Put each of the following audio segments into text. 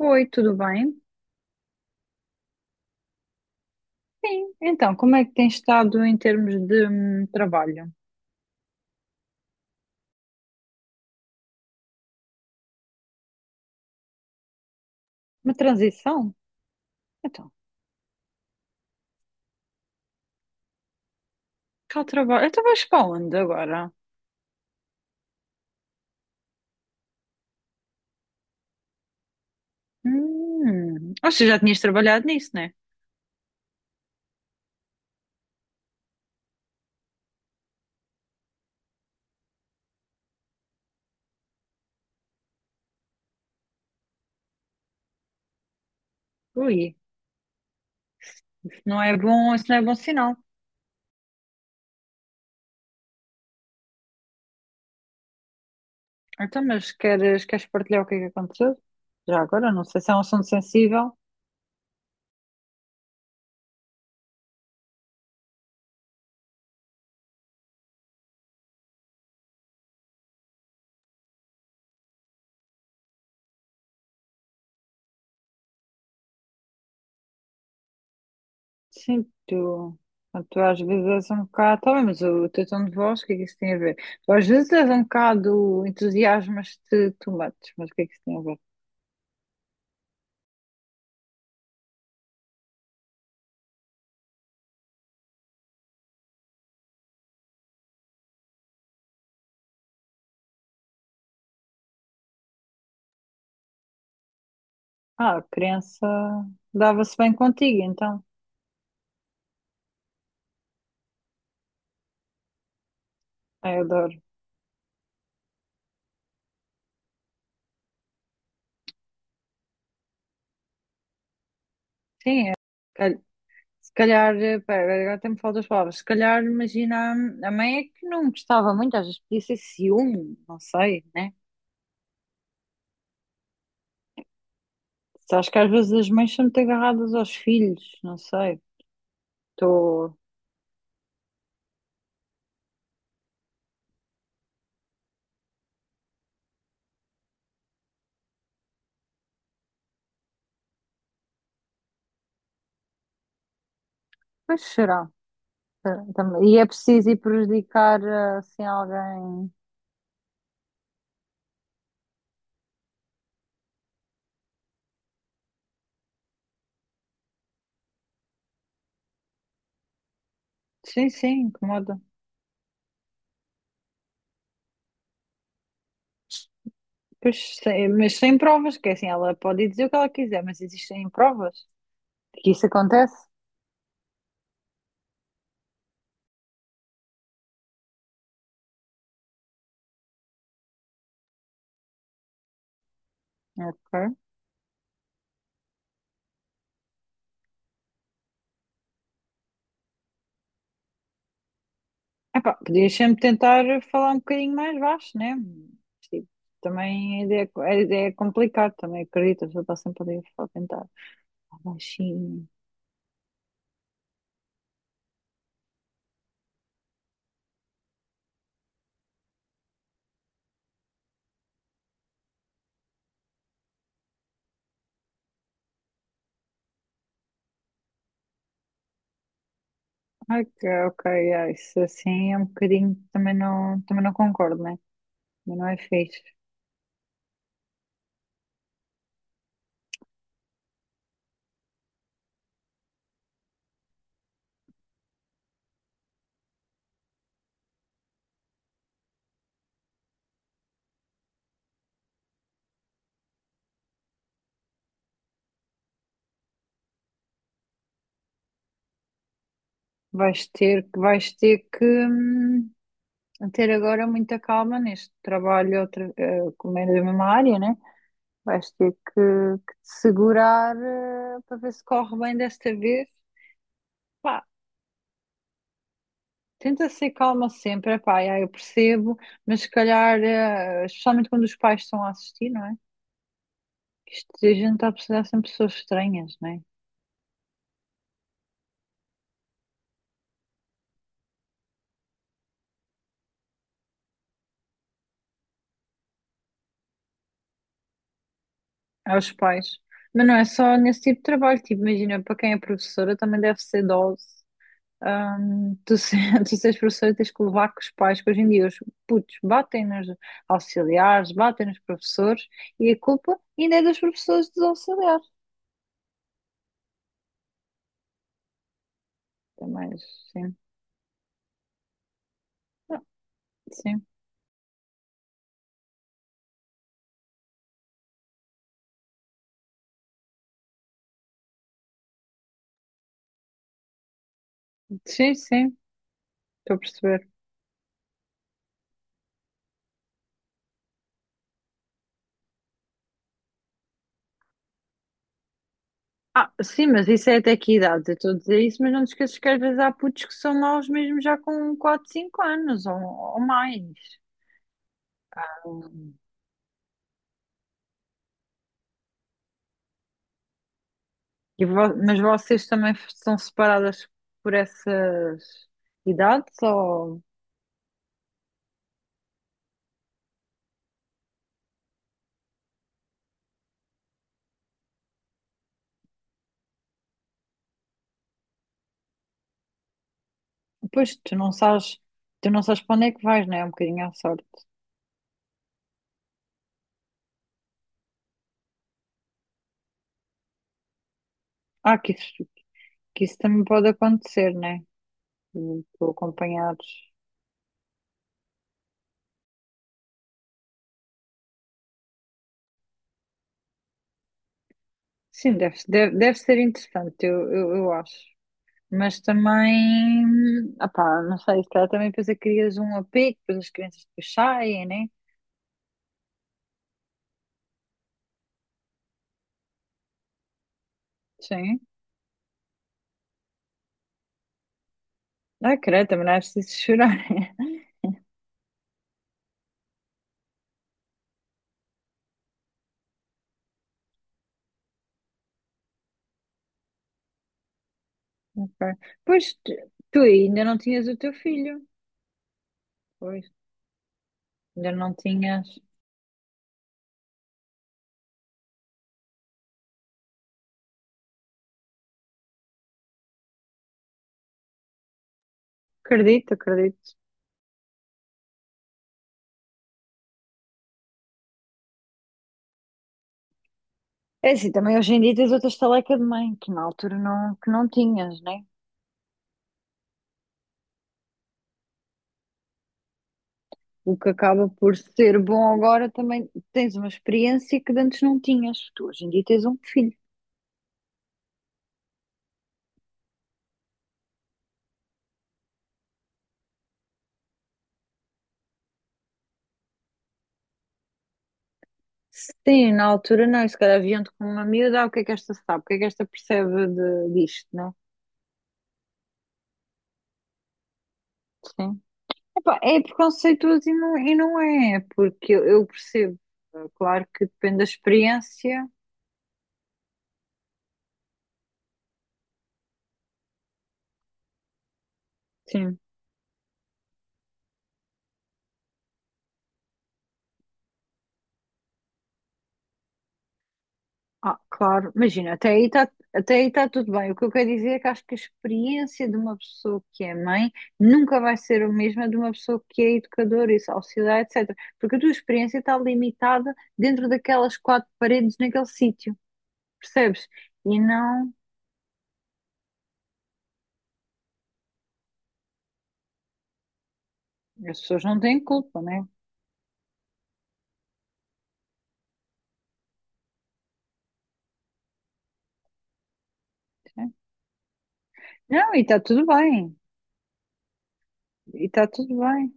Oi, tudo bem? Sim, então, como é que tem estado em termos de trabalho? Uma transição? Então, cá o trabalho. Então vais para onde agora? Ou seja, já tinhas trabalhado nisso, né? Ui, isso não é bom, isso não é bom sinal. Então, mas queres partilhar o que é que aconteceu? Já agora, não sei se é um assunto sensível. Sim, tu às vezes és um bocado. Tá bem, mas o teu tom de voz, o que é que isso tem a ver? Tu às vezes és um bocado entusiasmas-te too much, mas o que é que isso tem a ver? Ah, a criança dava-se bem contigo, então. Ai, eu adoro. Sim, cal- se calhar, pera, agora até me faltam as palavras. Se calhar, imagina, a mãe é que não gostava muito, às vezes podia ser ciúme, não sei, né? Acho que às vezes as mães são muito agarradas aos filhos, não sei. Estou. Pois será. Eh, E é preciso ir prejudicar assim alguém. Sim, sim, incomoda. Pois, mas sem provas, que é assim, ela pode dizer o que ela quiser, mas existem provas de que isso acontece. Ok. Epá, podias sempre tentar falar um bocadinho mais baixo, né? Mas, tipo, também a ideia é complicada, também acredito, a pessoa está sempre ali a tentar falar baixinho. Ai, ok, é, isso assim é um bocadinho, também não concordo, né? Mas não é fixe. Vais ter que ter agora muita calma neste trabalho, outra, como é da mesma área, né? Vais ter que, que te segurar para ver se corre bem desta vez. Pá, tenta ser calma sempre, epá, já, eu percebo, mas se calhar, especialmente quando os pais estão a assistir, não é? Que isto, a gente está a precisar sempre de pessoas estranhas, não é? Aos pais. Mas não é só nesse tipo de trabalho, tipo, imagina, para quem é professora também deve ser dose. Tu, se, tu seres professora tens que levar com os pais, que hoje em dia os putos batem nos auxiliares, batem nos professores e a culpa ainda é dos professores e dos auxiliares. Também, sim. Ah, sim, sim, sim, estou a perceber. Ah, sim, mas isso é até que idade? Eu estou a dizer isso, mas não te esqueças que às vezes há putos que são maus mesmo já com quatro cinco anos ou mais. Hum. Mas vocês também são separadas por essas idades ou... Pois, tu não sabes para onde é que vais, não é? É um bocadinho à sorte. Ah, que isso, que isso também pode acontecer, não é? Tu acompanhados. Sim, deve ser interessante, eu acho. Mas também, opá, não sei, se calhar também depois crias um apego, depois as crianças depois saem, né? Sim. Ah, credo, também não é preciso chorar. Ok. Pois tu, tu ainda não tinhas o teu filho. Pois, ainda não tinhas. Acredito, acredito. É assim, também hoje em dia tens outra estaleca de mãe, que na altura não, que não tinhas, né? O que acaba por ser bom agora também tens uma experiência que de antes não tinhas. Tu hoje em dia tens um filho. Sim, na altura não, e se calhar viam-te com uma miúda, ah, o que é que esta sabe, o que é que esta percebe de, disto, né? Sim. Epá, é preconceituoso e não é, porque eu percebo, claro que depende da experiência, sim, ah, claro, imagina, até aí tá tudo bem, o que eu quero dizer é que acho que a experiência de uma pessoa que é mãe nunca vai ser a mesma de uma pessoa que é educadora e auxiliar, etc, porque a tua experiência está limitada dentro daquelas quatro paredes naquele sítio. Percebes? E não, as pessoas não têm culpa, né? Não, e está tudo bem, e está tudo bem.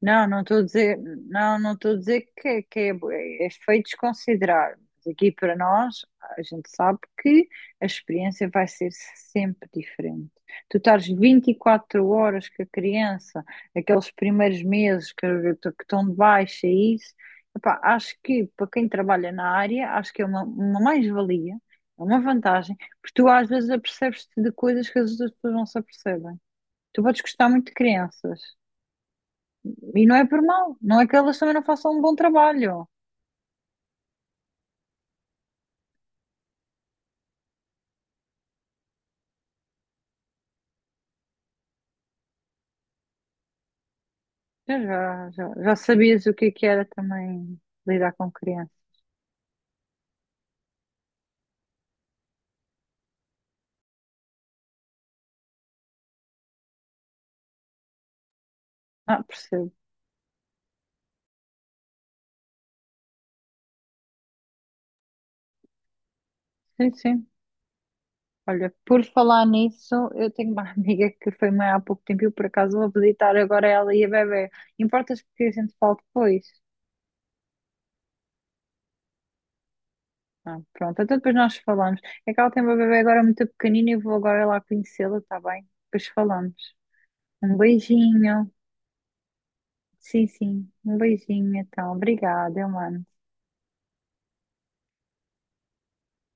Não, não estou a dizer, não, não estou a dizer que é, é feio desconsiderar. Mas aqui para nós, a gente sabe que a experiência vai ser sempre diferente. Tu estás 24 horas com a criança, aqueles primeiros que estão de baixa, e isso. Epá, acho que para quem trabalha na área, acho que é uma mais-valia, é uma vantagem, porque tu às vezes apercebes-te de coisas que as outras pessoas não se apercebem. Tu podes gostar muito de crianças. E não é por mal, não é que elas também não façam um bom trabalho. Já sabias o que é que era também lidar com criança. Ah, percebo. Sim, sim. Olha, por falar nisso, eu tenho uma amiga que foi mãe há pouco tempo e eu por acaso vou visitar agora ela e a bebê. Importas que a gente fale depois? Ah, pronto, então depois nós falamos. É que ela tem uma bebê agora muito pequenina e eu vou agora lá conhecê-la, tá bem? Depois falamos. Um beijinho. Sim, sim. Um beijinho, então. Obrigada, mano.